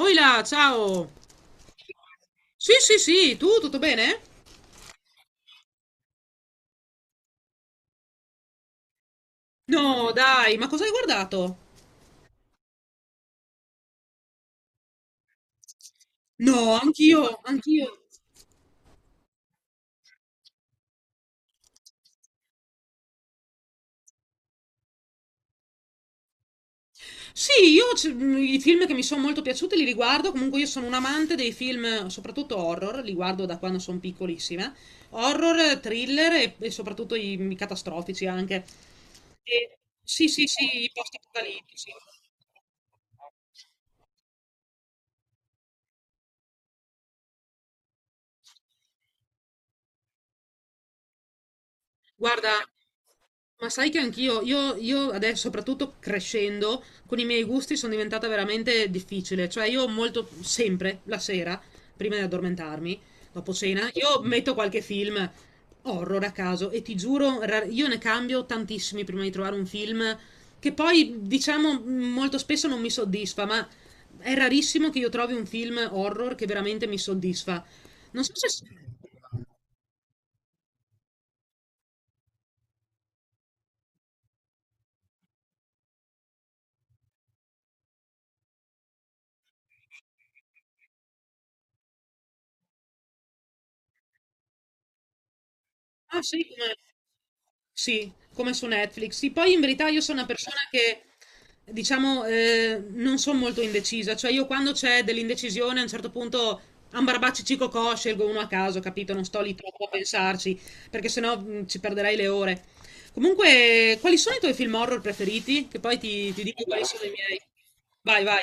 Oila, ciao! Sì, sì, sì, tu tutto bene? No, dai, ma cosa hai guardato? No, anch'io, anch'io. Sì, io i film che mi sono molto piaciuti li riguardo, comunque io sono un amante dei film, soprattutto horror, li guardo da quando sono piccolissima. Horror, thriller e soprattutto i catastrofici anche. E- sì, sì, sì, i post-apocalittici. Guarda, ma sai che anch'io, io adesso, soprattutto crescendo, con i miei gusti sono diventata veramente difficile. Cioè, io molto, sempre, la sera, prima di addormentarmi, dopo cena, io metto qualche film horror a caso e ti giuro, io ne cambio tantissimi prima di trovare un film che poi, diciamo, molto spesso non mi soddisfa, ma è rarissimo che io trovi un film horror che veramente mi soddisfa. Non so se... Ah sì, come sì, come su Netflix. Sì, poi in verità io sono una persona che, diciamo, non sono molto indecisa. Cioè io quando c'è dell'indecisione a un certo punto ambarbacci cicocò, scelgo uno a caso, capito? Non sto lì troppo a pensarci, perché sennò ci perderei le ore. Comunque, quali sono i tuoi film horror preferiti? Che poi ti dico quali sono i miei. Vai, vai.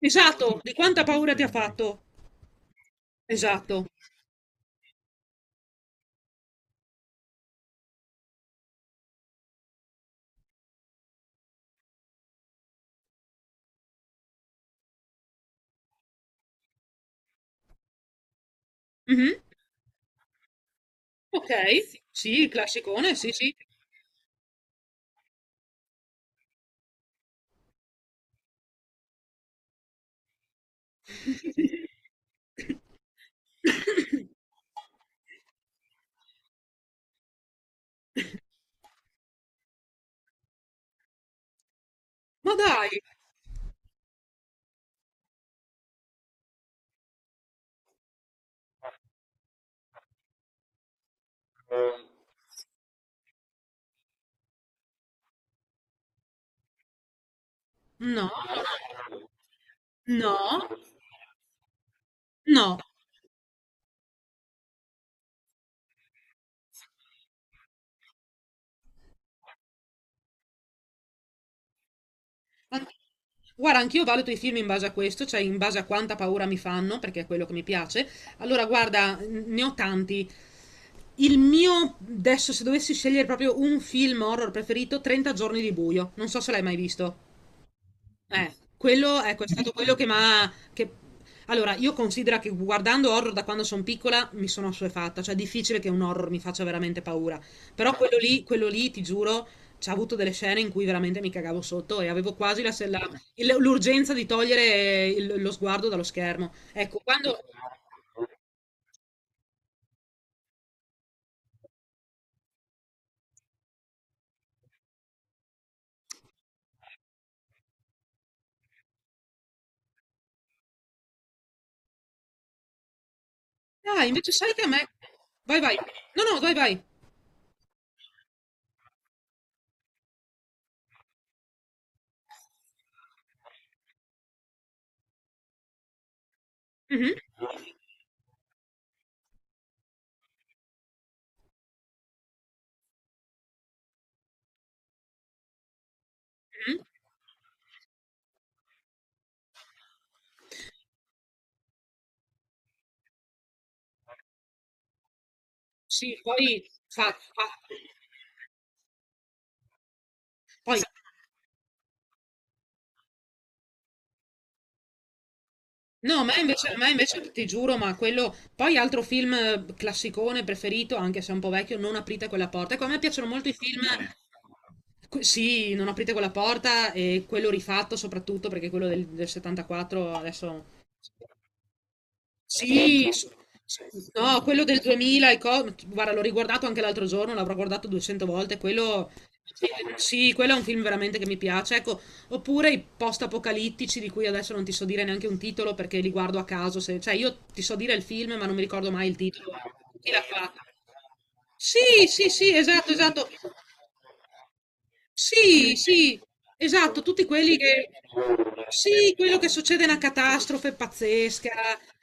Esatto, di quanta paura ti ha fatto? Esatto. Mhm. Ok, sì, il classicone, sì, sì. Ma dai, no, no, no. Ma- Guarda, anch'io valuto i film in base a questo, cioè in base a quanta paura mi fanno, perché è quello che mi piace. Allora, guarda, ne ho tanti. Il mio, adesso, se dovessi scegliere proprio un film horror preferito, 30 giorni di buio. Non so se l'hai mai visto. Eh, quello, ecco, è stato quello che mi ha... Allora, io considero che guardando horror da quando sono piccola mi sono assuefatta, cioè è difficile che un horror mi faccia veramente paura. Però quello lì, ti giuro, c'ha avuto delle scene in cui veramente mi cagavo sotto e avevo quasi la l'urgenza di togliere lo sguardo dallo schermo. Ecco, quando... Ah, invece sai che a me... Vai, vai. No, no, vai, vai. Mhm, mhm. Sì, poi... fa- fa- Poi no, ma invece ti giuro, ma quello. Poi altro film classicone preferito, anche se è un po' vecchio, Non aprite quella porta. Ecco, a me piacciono molto i film. Sì, Non aprite quella porta e quello rifatto soprattutto perché quello del 74 adesso sì, no, quello del 2000, e guarda, l'ho riguardato anche l'altro giorno, l'avrò guardato 200 volte, quello... Sì, sì, quello è un film veramente che mi piace. Ecco, oppure i post-apocalittici di cui adesso non ti so dire neanche un titolo perché li guardo a caso. Cioè, io ti so dire il film, ma non mi ricordo mai il titolo. Chi l'ha fatto? Sì, sì, sì, esatto, esatto. Sì, sì, esatto, tutti quelli che... Sì, quello che succede è una catastrofe pazzesca.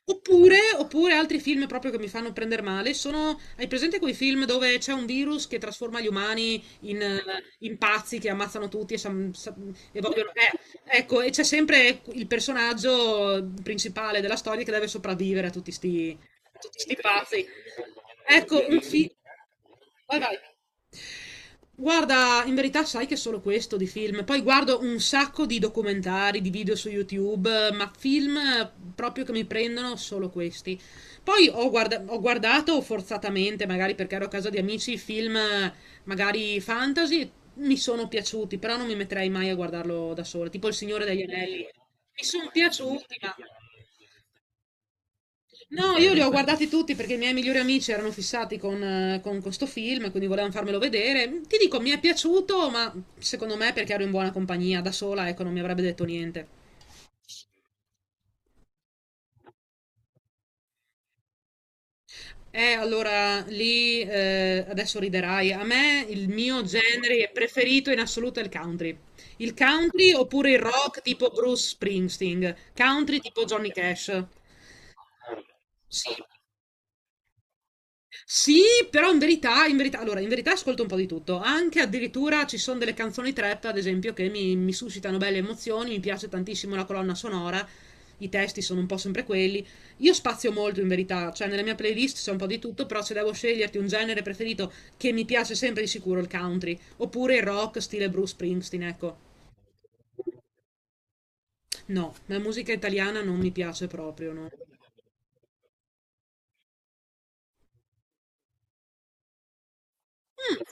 Oppure, oppure altri film proprio che mi fanno prendere male sono... Hai presente quei film dove c'è un virus che trasforma gli umani in, in pazzi che ammazzano tutti e, e vogliono... ecco, e c'è sempre il personaggio principale della storia che deve sopravvivere a a tutti sti pazzi. Ecco, un film... Vai, vai. Guarda, in verità sai che è solo questo di film. Poi guardo un sacco di documentari, di video su YouTube, ma film proprio che mi prendono solo questi. Poi ho, ho guardato forzatamente, magari perché ero a casa di amici, film magari fantasy, mi sono piaciuti, però non mi metterei mai a guardarlo da sola, tipo Il Signore degli Anelli. Mi sono piaciuti, ma... No, io li ho guardati tutti perché i miei migliori amici erano fissati con questo film, quindi volevano farmelo vedere. Ti dico, mi è piaciuto, ma secondo me perché ero in buona compagnia, da sola, ecco, non mi avrebbe detto niente. Allora, lì, adesso riderai. A me il mio genere preferito in assoluto è il country. Il country oppure il rock tipo Bruce Springsteen, country tipo Johnny Cash. Sì, sì, però in verità, allora, in verità ascolto un po' di tutto. Anche addirittura ci sono delle canzoni trap, ad esempio, che mi suscitano belle emozioni. Mi piace tantissimo la colonna sonora. I testi sono un po' sempre quelli. Io spazio molto in verità, cioè nella mia playlist c'è un po' di tutto, però se devo sceglierti un genere preferito che mi piace sempre di sicuro il country, oppure il rock stile Bruce Springsteen, ecco. No, la musica italiana non mi piace proprio, no. Mm,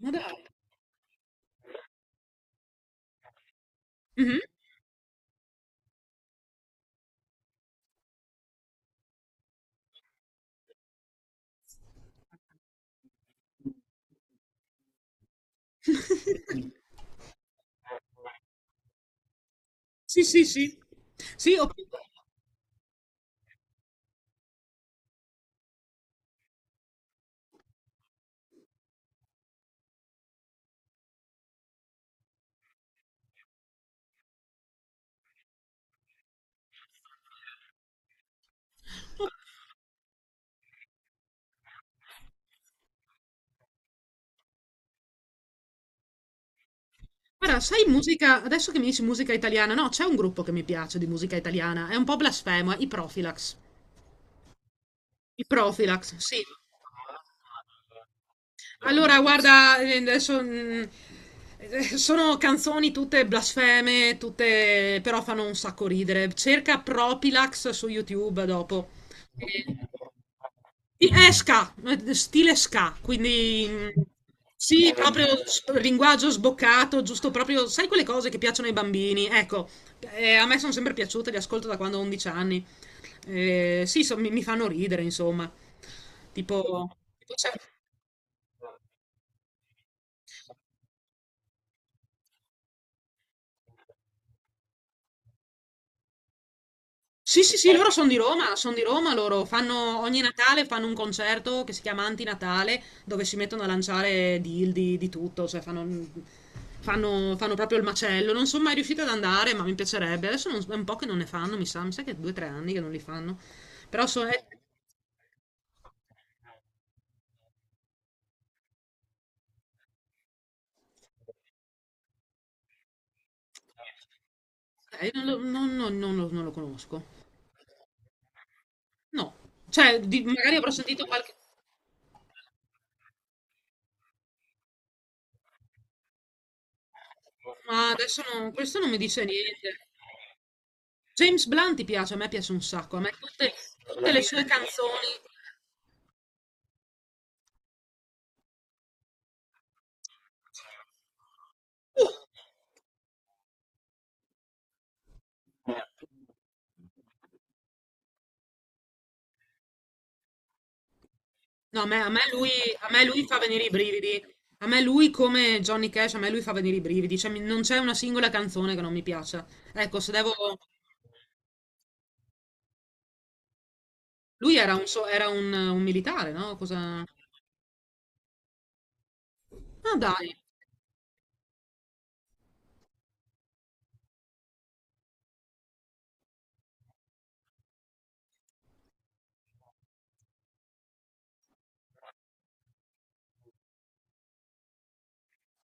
ma dai. Mhm. Sì, sì, sì. Sì, ho... Guarda, sai musica, adesso che mi dici musica italiana, no, c'è un gruppo che mi piace di musica italiana, è un po' blasfemo, i Profilax. I Profilax, sì. Allora, guarda, adesso sono canzoni tutte blasfeme, tutte però fanno un sacco ridere. Cerca Profilax su YouTube dopo. Eh, Sì, è ska, stile ska, quindi sì, proprio linguaggio sboccato, giusto proprio, sai quelle cose che piacciono ai bambini? Ecco, a me sono sempre piaciute, le ascolto da quando ho 11 anni. Sì, mi fanno ridere, insomma. Tipo, tipo c'è sì, sì, sì, loro sono di Roma, loro fanno ogni Natale fanno un concerto che si chiama Antinatale, dove si mettono a lanciare dildi di tutto, cioè fanno, fanno proprio il macello. Non sono mai riuscita ad andare, ma mi piacerebbe. Adesso è un po' che non ne fanno, mi sa che è due o tre anni che non li fanno. Però so- non, lo non- non- non lo- non lo conosco. No, cioè magari avrò sentito qualche... Ma adesso questo non mi dice niente. James Blunt ti piace, a me piace un sacco, a me tutte le sue canzoni. No, a me, a me lui fa venire i brividi. A me lui, come Johnny Cash, a me lui fa venire i brividi. Cioè, non c'è una singola canzone che non mi piaccia. Ecco, se devo... Lui era un, era un militare, no? Cosa... Ah, dai.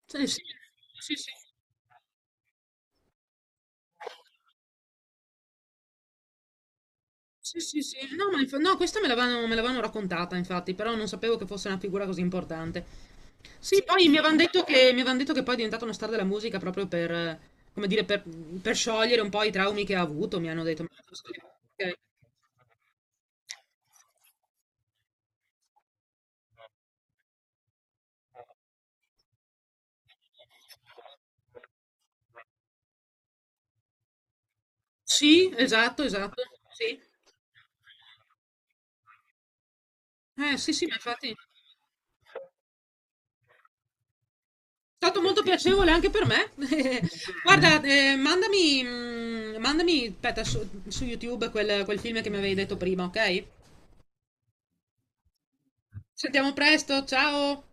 Sì, sì, sì, sì. Sì, sì, sì. No, no, questa me l'avevano raccontata, infatti, però non sapevo che fosse una figura così importante. Sì, poi mi avevano detto che poi è diventato una star della musica proprio per, come dire, per sciogliere un po' i traumi che ha avuto, mi hanno detto. Sì, esatto, esatto, sì. Sì, sì, ma infatti è stato molto piacevole anche per me. Guarda, mandami, mandami, aspetta, su, su YouTube quel film che mi avevi detto prima, ok? Ci sentiamo presto, ciao!